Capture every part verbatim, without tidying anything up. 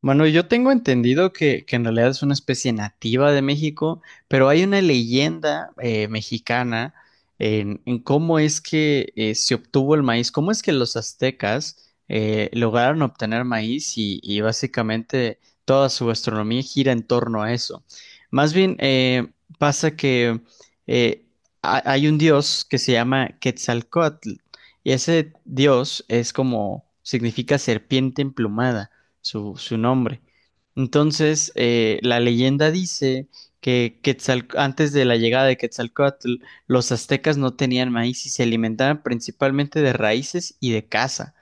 Mano, yo tengo entendido que, que en realidad es una especie nativa de México, pero hay una leyenda eh, mexicana en, en cómo es que eh, se obtuvo el maíz, cómo es que los aztecas eh, lograron obtener maíz y, y básicamente toda su gastronomía gira en torno a eso. Más bien, eh, pasa que eh, ha- hay un dios que se llama Quetzalcóatl y ese dios es como, significa serpiente emplumada su, su nombre. Entonces, eh, la leyenda dice que Quetzal- antes de la llegada de Quetzalcóatl, los aztecas no tenían maíz y se alimentaban principalmente de raíces y de caza.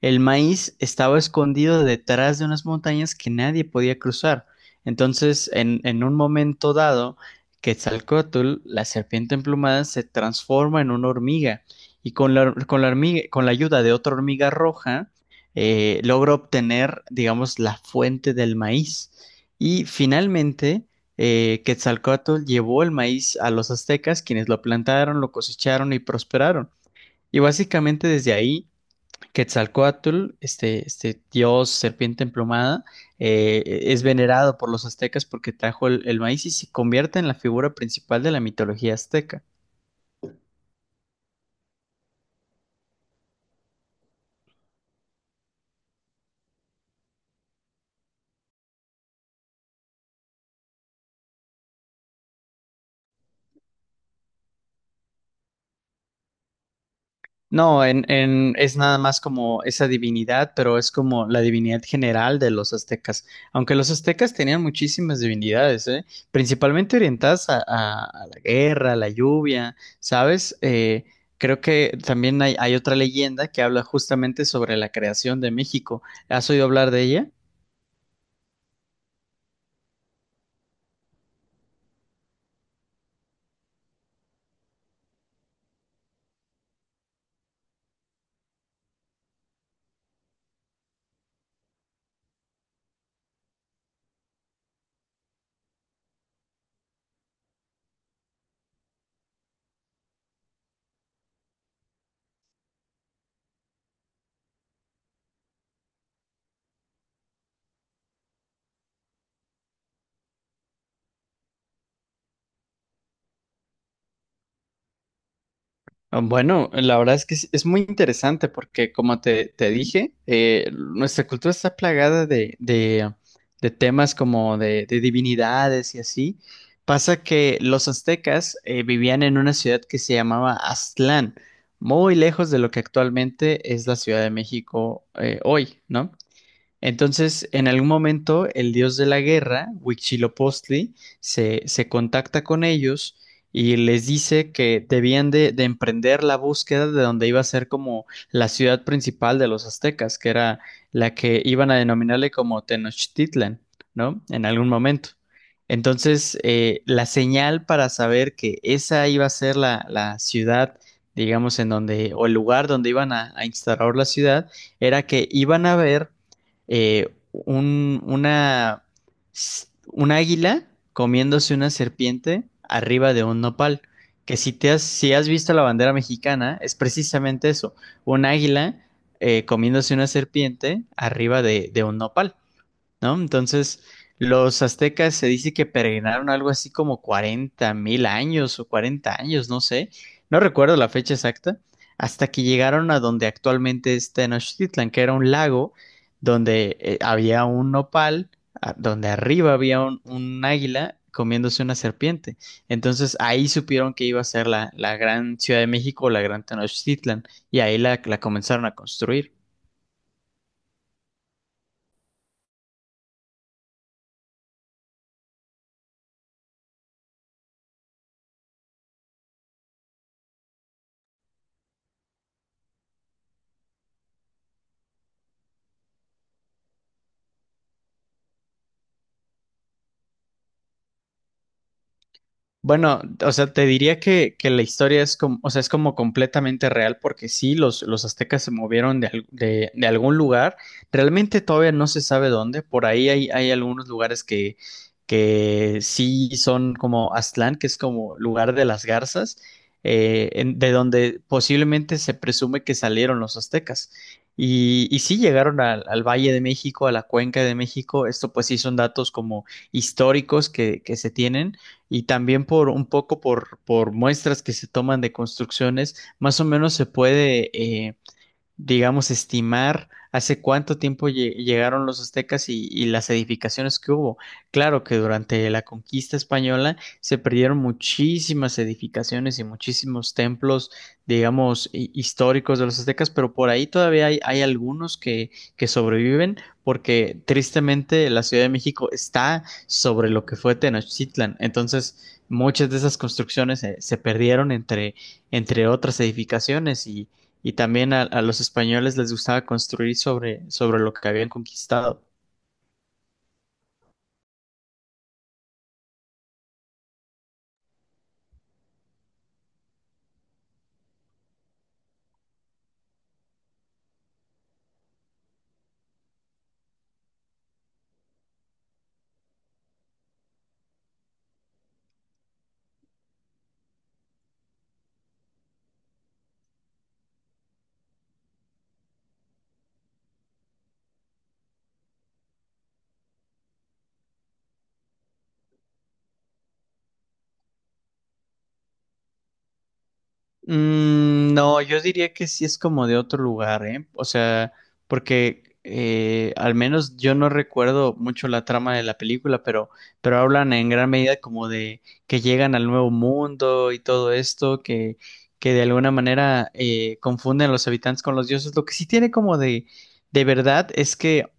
El maíz estaba escondido detrás de unas montañas que nadie podía cruzar. Entonces, en, en un momento dado, Quetzalcóatl, la serpiente emplumada, se transforma en una hormiga y con la, con la hormiga, con la ayuda de otra hormiga roja, eh, logra obtener, digamos, la fuente del maíz. Y finalmente, eh, Quetzalcóatl llevó el maíz a los aztecas, quienes lo plantaron, lo cosecharon y prosperaron. Y básicamente desde ahí Quetzalcóatl, este, este dios serpiente emplumada, eh, e, es venerado por los aztecas porque trajo el, el maíz y se convierte en la figura principal de la mitología azteca. No, en, en, es nada más como esa divinidad, pero es como la divinidad general de los aztecas. Aunque los aztecas tenían muchísimas divinidades, ¿eh? Principalmente orientadas a, a- a la guerra, a la lluvia, ¿sabes? Eh, creo que también hay, hay otra leyenda que habla justamente sobre la creación de México. ¿Has oído hablar de ella? Ah, bueno, la verdad es que es es muy interesante porque, como te, te dije, eh, nuestra cultura está plagada de, de, de temas como de, de divinidades y así. Pasa que los aztecas eh, vivían en una ciudad que se llamaba Aztlán, muy lejos de lo que actualmente es la Ciudad de México eh, hoy, ¿no? Entonces, en algún momento, el dios de la guerra, Huitzilopochtli, se, se contacta con ellos y les dice que debían de, de emprender la búsqueda de donde iba a ser como la ciudad principal de los aztecas, que era la que iban a denominarle como Tenochtitlan, ¿no? En algún momento. Entonces, eh, la señal para saber que esa iba a ser la, la ciudad, digamos, en donde, o el lugar donde iban a, a instaurar la ciudad, era que iban a ver eh, un, una, un águila comiéndose una serpiente arriba de un nopal. Que si te has, si has visto la bandera mexicana, es precisamente eso, un águila eh, comiéndose una serpiente arriba de, de un nopal, ¿no? Entonces, los aztecas se dice que peregrinaron algo así como cuarenta mil mil años o cuarenta años, no sé, no recuerdo la fecha exacta, hasta que llegaron a donde actualmente es Tenochtitlan, que era un lago donde eh, había un nopal, a- donde arriba había un, un águila comiéndose una serpiente. Entonces ahí supieron que iba a ser la, la gran Ciudad de México o la gran Tenochtitlan y ahí la, la comenzaron a construir. Bueno, o sea, te diría que, que la historia es como, o sea, es como completamente real porque sí, los, los aztecas se movieron de, al- de, de algún lugar. Realmente todavía no se sabe dónde. Por ahí hay, hay algunos lugares que, que sí son como Aztlán, que es como lugar de las garzas, eh, en- de donde posiblemente se presume que salieron los aztecas. Y, y sí llegaron al, al Valle de México, a la Cuenca de México. Esto pues sí son datos como históricos que, que se tienen y también por un poco por, por muestras que se toman de construcciones, más o menos se puede eh, digamos, estimar hace cuánto tiempo lle- llegaron los aztecas y, y las edificaciones que hubo. Claro que durante la conquista española se perdieron muchísimas edificaciones y muchísimos templos, digamos, hi- históricos de los aztecas, pero por ahí todavía hay, hay algunos que, que sobreviven porque tristemente la Ciudad de México está sobre lo que fue Tenochtitlan. Entonces, muchas de esas construcciones eh, se perdieron entre, entre otras edificaciones y y también a, a los españoles les gustaba construir sobre, sobre lo que habían conquistado. Mm, no, yo diría que sí es como de otro lugar, ¿eh? O sea, porque eh, al menos yo no recuerdo mucho la trama de la película, pero, pero hablan en gran medida como de que llegan al nuevo mundo y todo esto, que, que de alguna manera eh, confunden a los habitantes con los dioses. Lo que sí tiene como de, de verdad es que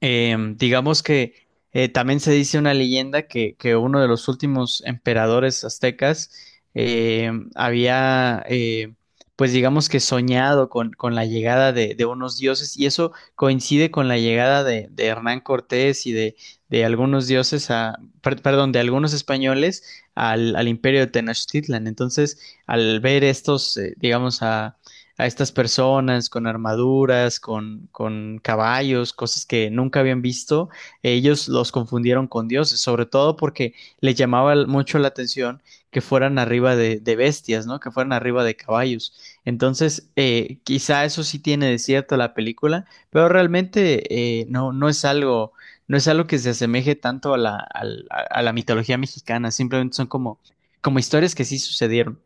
Em, digamos que eh, también se dice una leyenda que, que uno de los últimos emperadores aztecas em, había, eh, pues digamos que soñado con, con la llegada de, de unos dioses y eso coincide con la llegada de, de Hernán Cortés y de, de algunos dioses a, per- perdón, de algunos españoles al, al imperio de Tenochtitlan. Entonces, al ver estos, eh, digamos, a a estas personas con armaduras, con, con caballos, cosas que nunca habían visto, ellos los confundieron con dioses, sobre todo porque les llamaba mucho la atención que fueran arriba de, de bestias, ¿no? Que fueran arriba de caballos. Entonces, eh, quizá eso sí tiene de cierto la película, pero realmente eh, no, no es algo, no es algo que se asemeje tanto a la, al- a a la mitología mexicana, simplemente son como, como historias que sí sucedieron.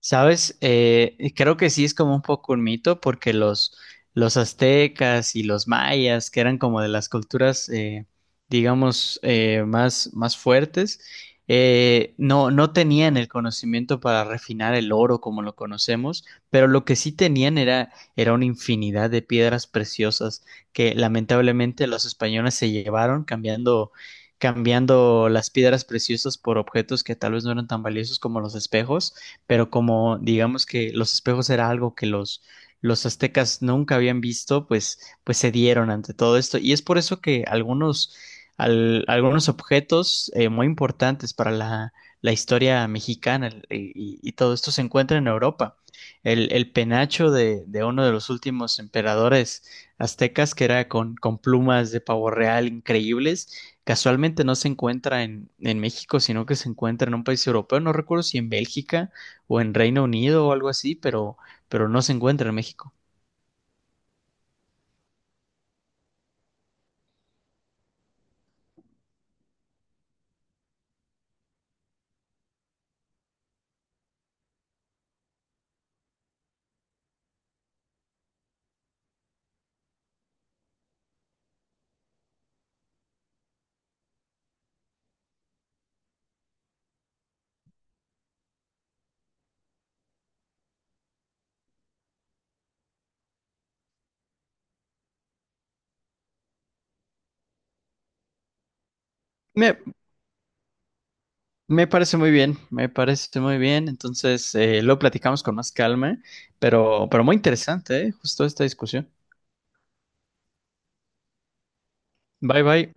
¿Sabes? Eh, creo que sí es como un poco un mito porque los, los aztecas y los mayas, que eran como de las culturas, eh, digamos, eh, más, más fuertes, eh, no, no tenían el conocimiento para refinar el oro como lo conocemos, pero lo que sí tenían era, era una infinidad de piedras preciosas que lamentablemente los españoles se llevaron cambiando, cambiando las piedras preciosas por objetos que tal vez no eran tan valiosos como los espejos pero como digamos que los espejos era algo que los, los aztecas nunca habían visto, pues, pues se dieron ante todo esto. Y es por eso que algunos, al- algunos objetos eh, muy importantes para la, la historia mexicana el- y, y todo esto se encuentra en Europa. El, el penacho de, de uno de los últimos emperadores aztecas, que era con, con plumas de pavo real increíbles, casualmente no se encuentra en, en México, sino que se encuentra en un país europeo. No recuerdo si en Bélgica o en Reino Unido o algo así, pero, pero no se encuentra en México. Me, Me parece muy bien, me parece muy bien. Entonces, eh, lo platicamos con más calma, pero, pero muy interesante, ¿eh? Justo esta discusión. Bye bye.